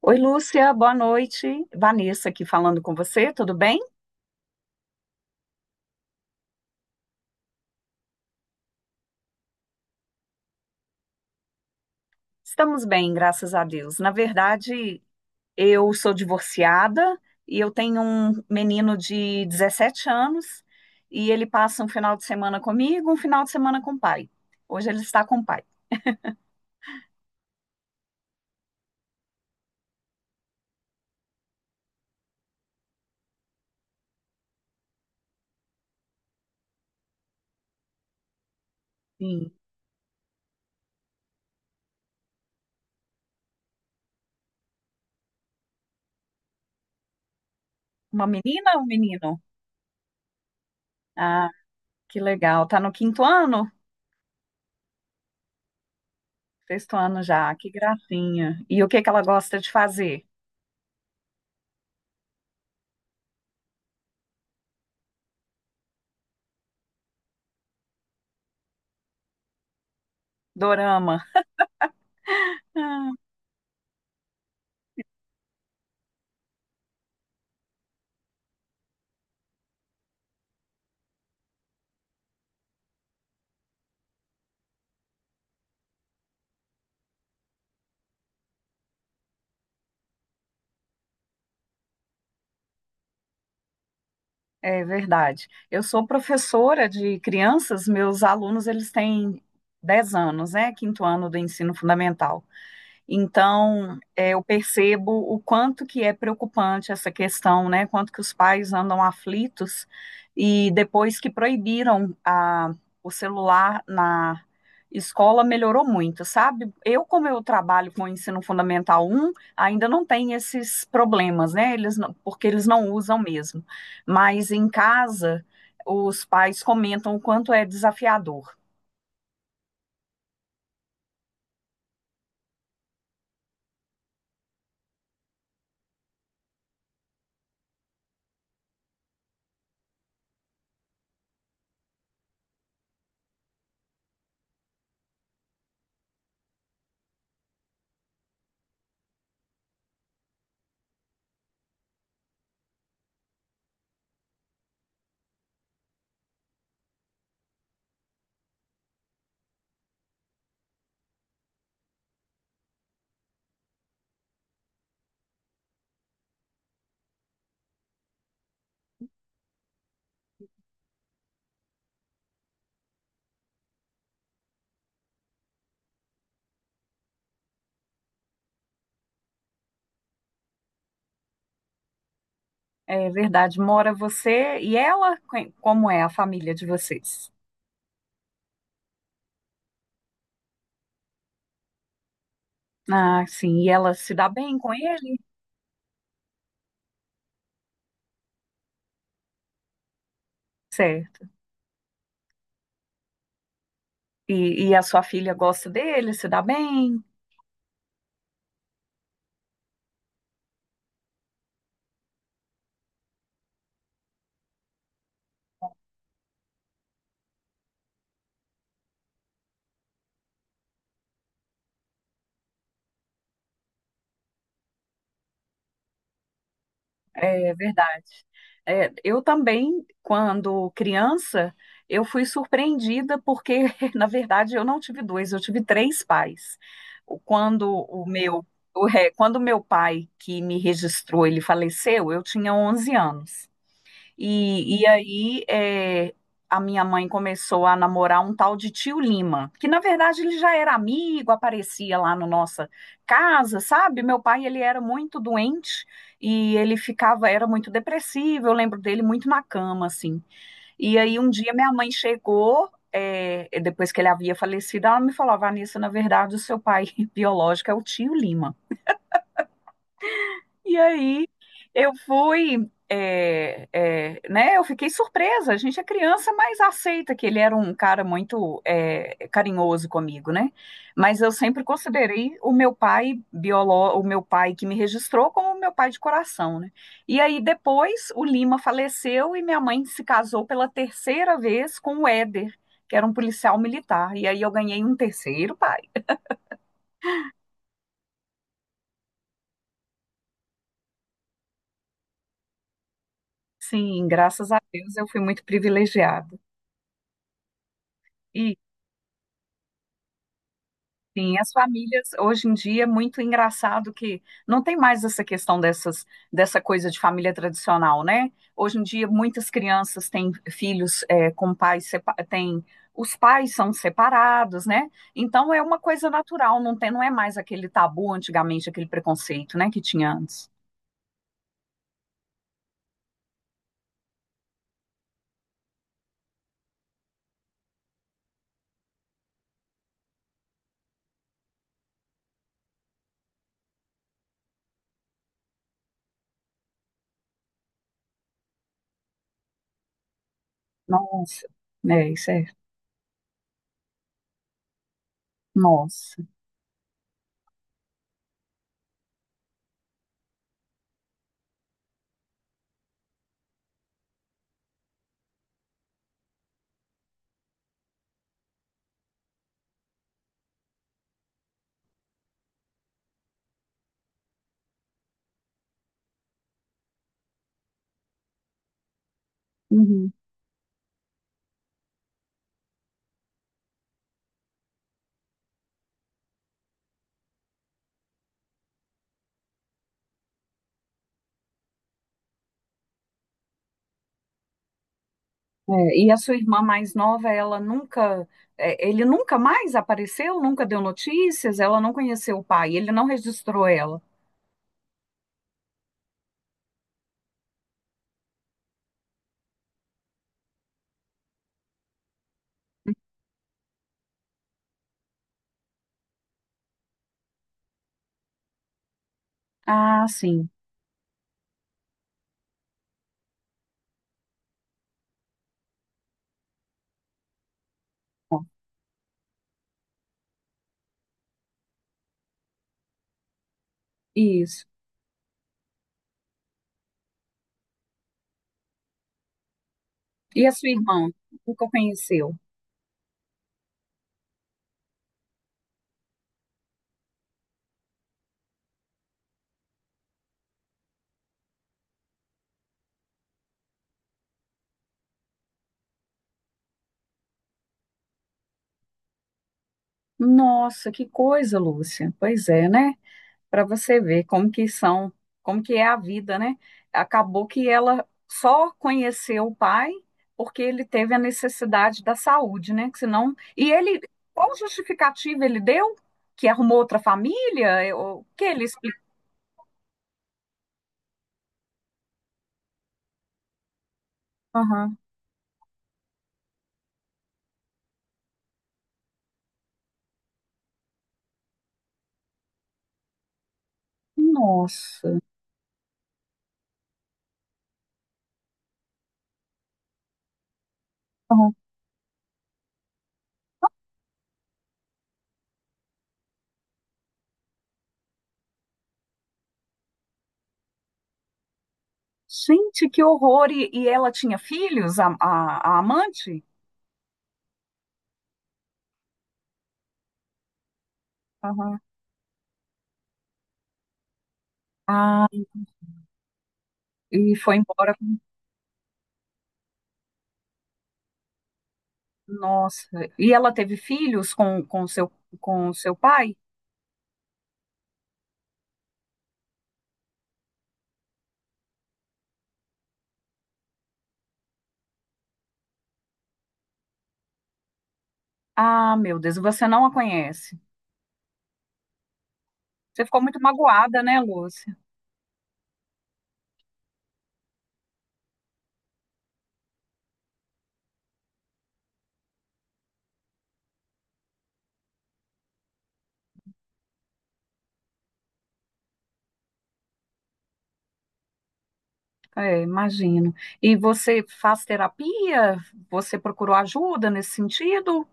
Oi, Lúcia, boa noite. Vanessa aqui falando com você, tudo bem? Estamos bem, graças a Deus. Na verdade, eu sou divorciada e eu tenho um menino de 17 anos e ele passa um final de semana comigo, um final de semana com o pai. Hoje ele está com o pai. Sim. Uma menina ou um menino? Ah, que legal. Tá no quinto ano? Sexto ano já, que gracinha. E o que que ela gosta de fazer? Dorama. Ah, é verdade. Eu sou professora de crianças, meus alunos eles têm 10 anos, né? Quinto ano do ensino fundamental. Então, eu percebo o quanto que é preocupante essa questão, né? Quanto que os pais andam aflitos e depois que proibiram o celular na escola melhorou muito, sabe? Como eu trabalho com o ensino fundamental um ainda não tem esses problemas, né? Eles porque eles não usam mesmo. Mas em casa, os pais comentam o quanto é desafiador. É verdade. Mora você e ela? Como é a família de vocês? Ah, sim. E ela se dá bem com ele? Certo. E a sua filha gosta dele? Se dá bem? É verdade. É, eu também, quando criança, eu fui surpreendida porque, na verdade, eu não tive dois, eu tive três pais. O- Quando o meu, quando o meu pai que me registrou, ele faleceu, eu tinha 11 anos. E aí a minha mãe começou a namorar um tal de tio Lima, que na verdade ele já era amigo, aparecia lá na nossa casa, sabe? Meu pai ele era muito doente e ele ficava, era muito depressivo, eu lembro dele muito na cama, assim. E aí um dia minha mãe chegou, depois que ele havia falecido, ela me falou, "Ah, Vanessa, na verdade o seu pai biológico é o tio Lima. E aí eu fui, né? Eu fiquei surpresa. A gente é criança, mas aceita que ele era um cara muito carinhoso comigo, né? Mas eu sempre considerei o meu pai o meu pai que me registrou como o meu pai de coração, né? E aí depois o Lima faleceu e minha mãe se casou pela terceira vez com o Éder, que era um policial militar. E aí eu ganhei um terceiro pai. Sim, graças a Deus eu fui muito privilegiada. Sim, as famílias, hoje em dia, é muito engraçado que não tem mais essa questão dessa coisa de família tradicional, né? Hoje em dia, muitas crianças têm filhos com pais, os pais são separados, né? Então, é uma coisa natural, não tem, não é mais aquele tabu antigamente, aquele preconceito, né, que tinha antes. Nossa, isso é, nossa. Uhum. É, e a sua irmã mais nova, ela nunca, é, ele nunca mais apareceu, nunca deu notícias, ela não conheceu o pai, ele não registrou ela. Ah, sim, ó, isso. E a sua irmã nunca conheceu. Nossa, que coisa, Lúcia. Pois é, né? Para você ver como que são, como que é a vida, né? Acabou que ela só conheceu o pai porque ele teve a necessidade da saúde, né? Que senão, e ele, qual justificativa ele deu? Que arrumou outra família? Eu- O que ele explicou? Aham. Nossa. Aham. Gente, que horror! E ela tinha filhos, a amante? Aham. Ah, e foi embora. Nossa. E ela teve filhos com seu pai? Ah, meu Deus, e você não a conhece. Você ficou muito magoada, né, Lúcia? É, imagino. E você faz terapia? Você procurou ajuda nesse sentido?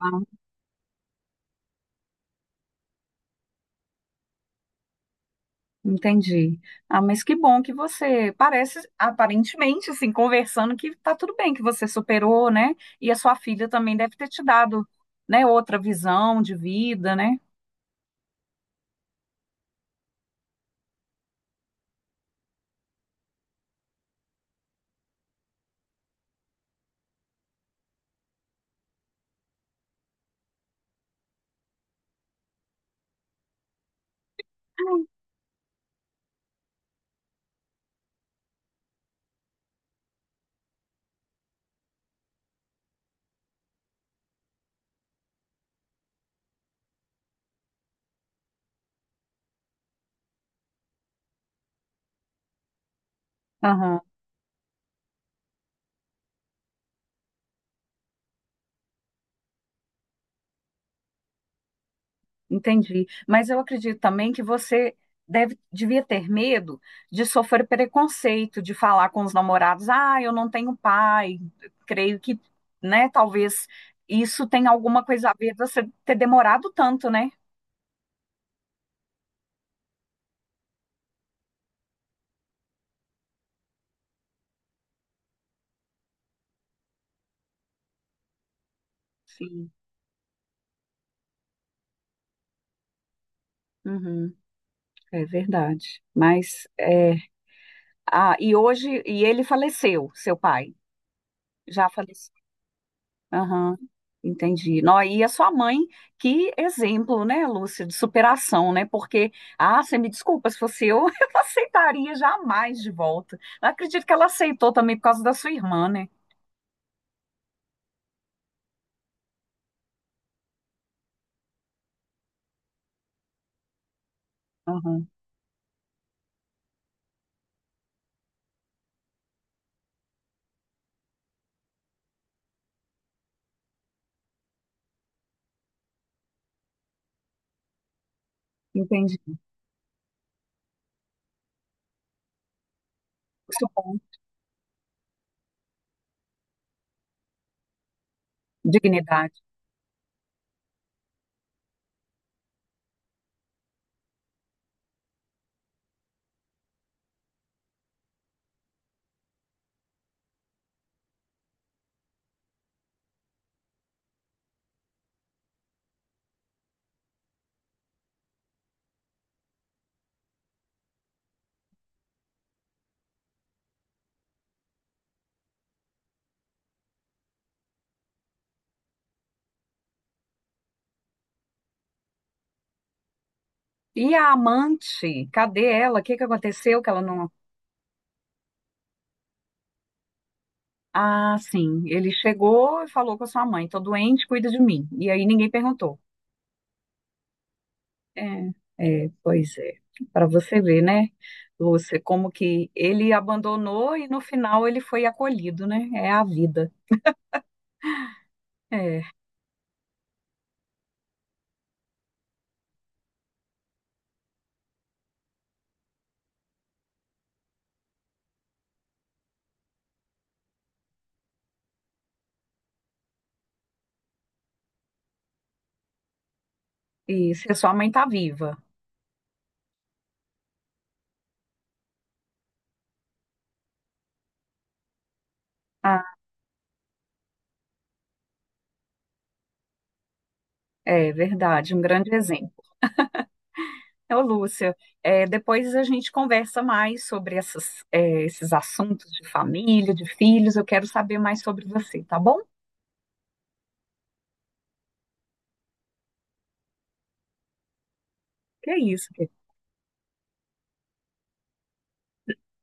Ah, entendi. Ah, mas que bom que você parece, aparentemente, assim, conversando, que tá tudo bem, que você superou, né? E a sua filha também deve ter te dado, né, outra visão de vida, né? Aham. Entendi. Mas eu acredito também que você devia ter medo de sofrer preconceito, de falar com os namorados, ah, eu não tenho pai. Creio que, né, talvez isso tenha alguma coisa a ver você ter demorado tanto, né? Sim. Uhum. É verdade. Mas é. Ah, e ele faleceu, seu pai. Já faleceu. Aham, entendi. Nó, e a sua mãe, que exemplo, né, Lúcia, de superação, né? Porque, ah, você me desculpa, se fosse eu, eu não aceitaria jamais de volta. Não acredito que ela aceitou também por causa da sua irmã, né? Aham, entendi. Isso bom, dignidade. E a amante, cadê ela? O que que aconteceu que ela não... Ah, sim, ele chegou e falou com a sua mãe, tô doente, cuida de mim. E aí ninguém perguntou. É, é, pois é. Para você ver, né, Lúcia, como que ele abandonou e no final ele foi acolhido, né? É a vida. É. E se sua mãe tá viva. Ah, é verdade, um grande exemplo. Ô, Lúcia, depois a gente conversa mais sobre esses assuntos de família, de filhos. Eu quero saber mais sobre você, tá bom? Que é isso.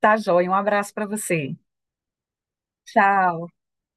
Tá joia. Um abraço para você. Tchau.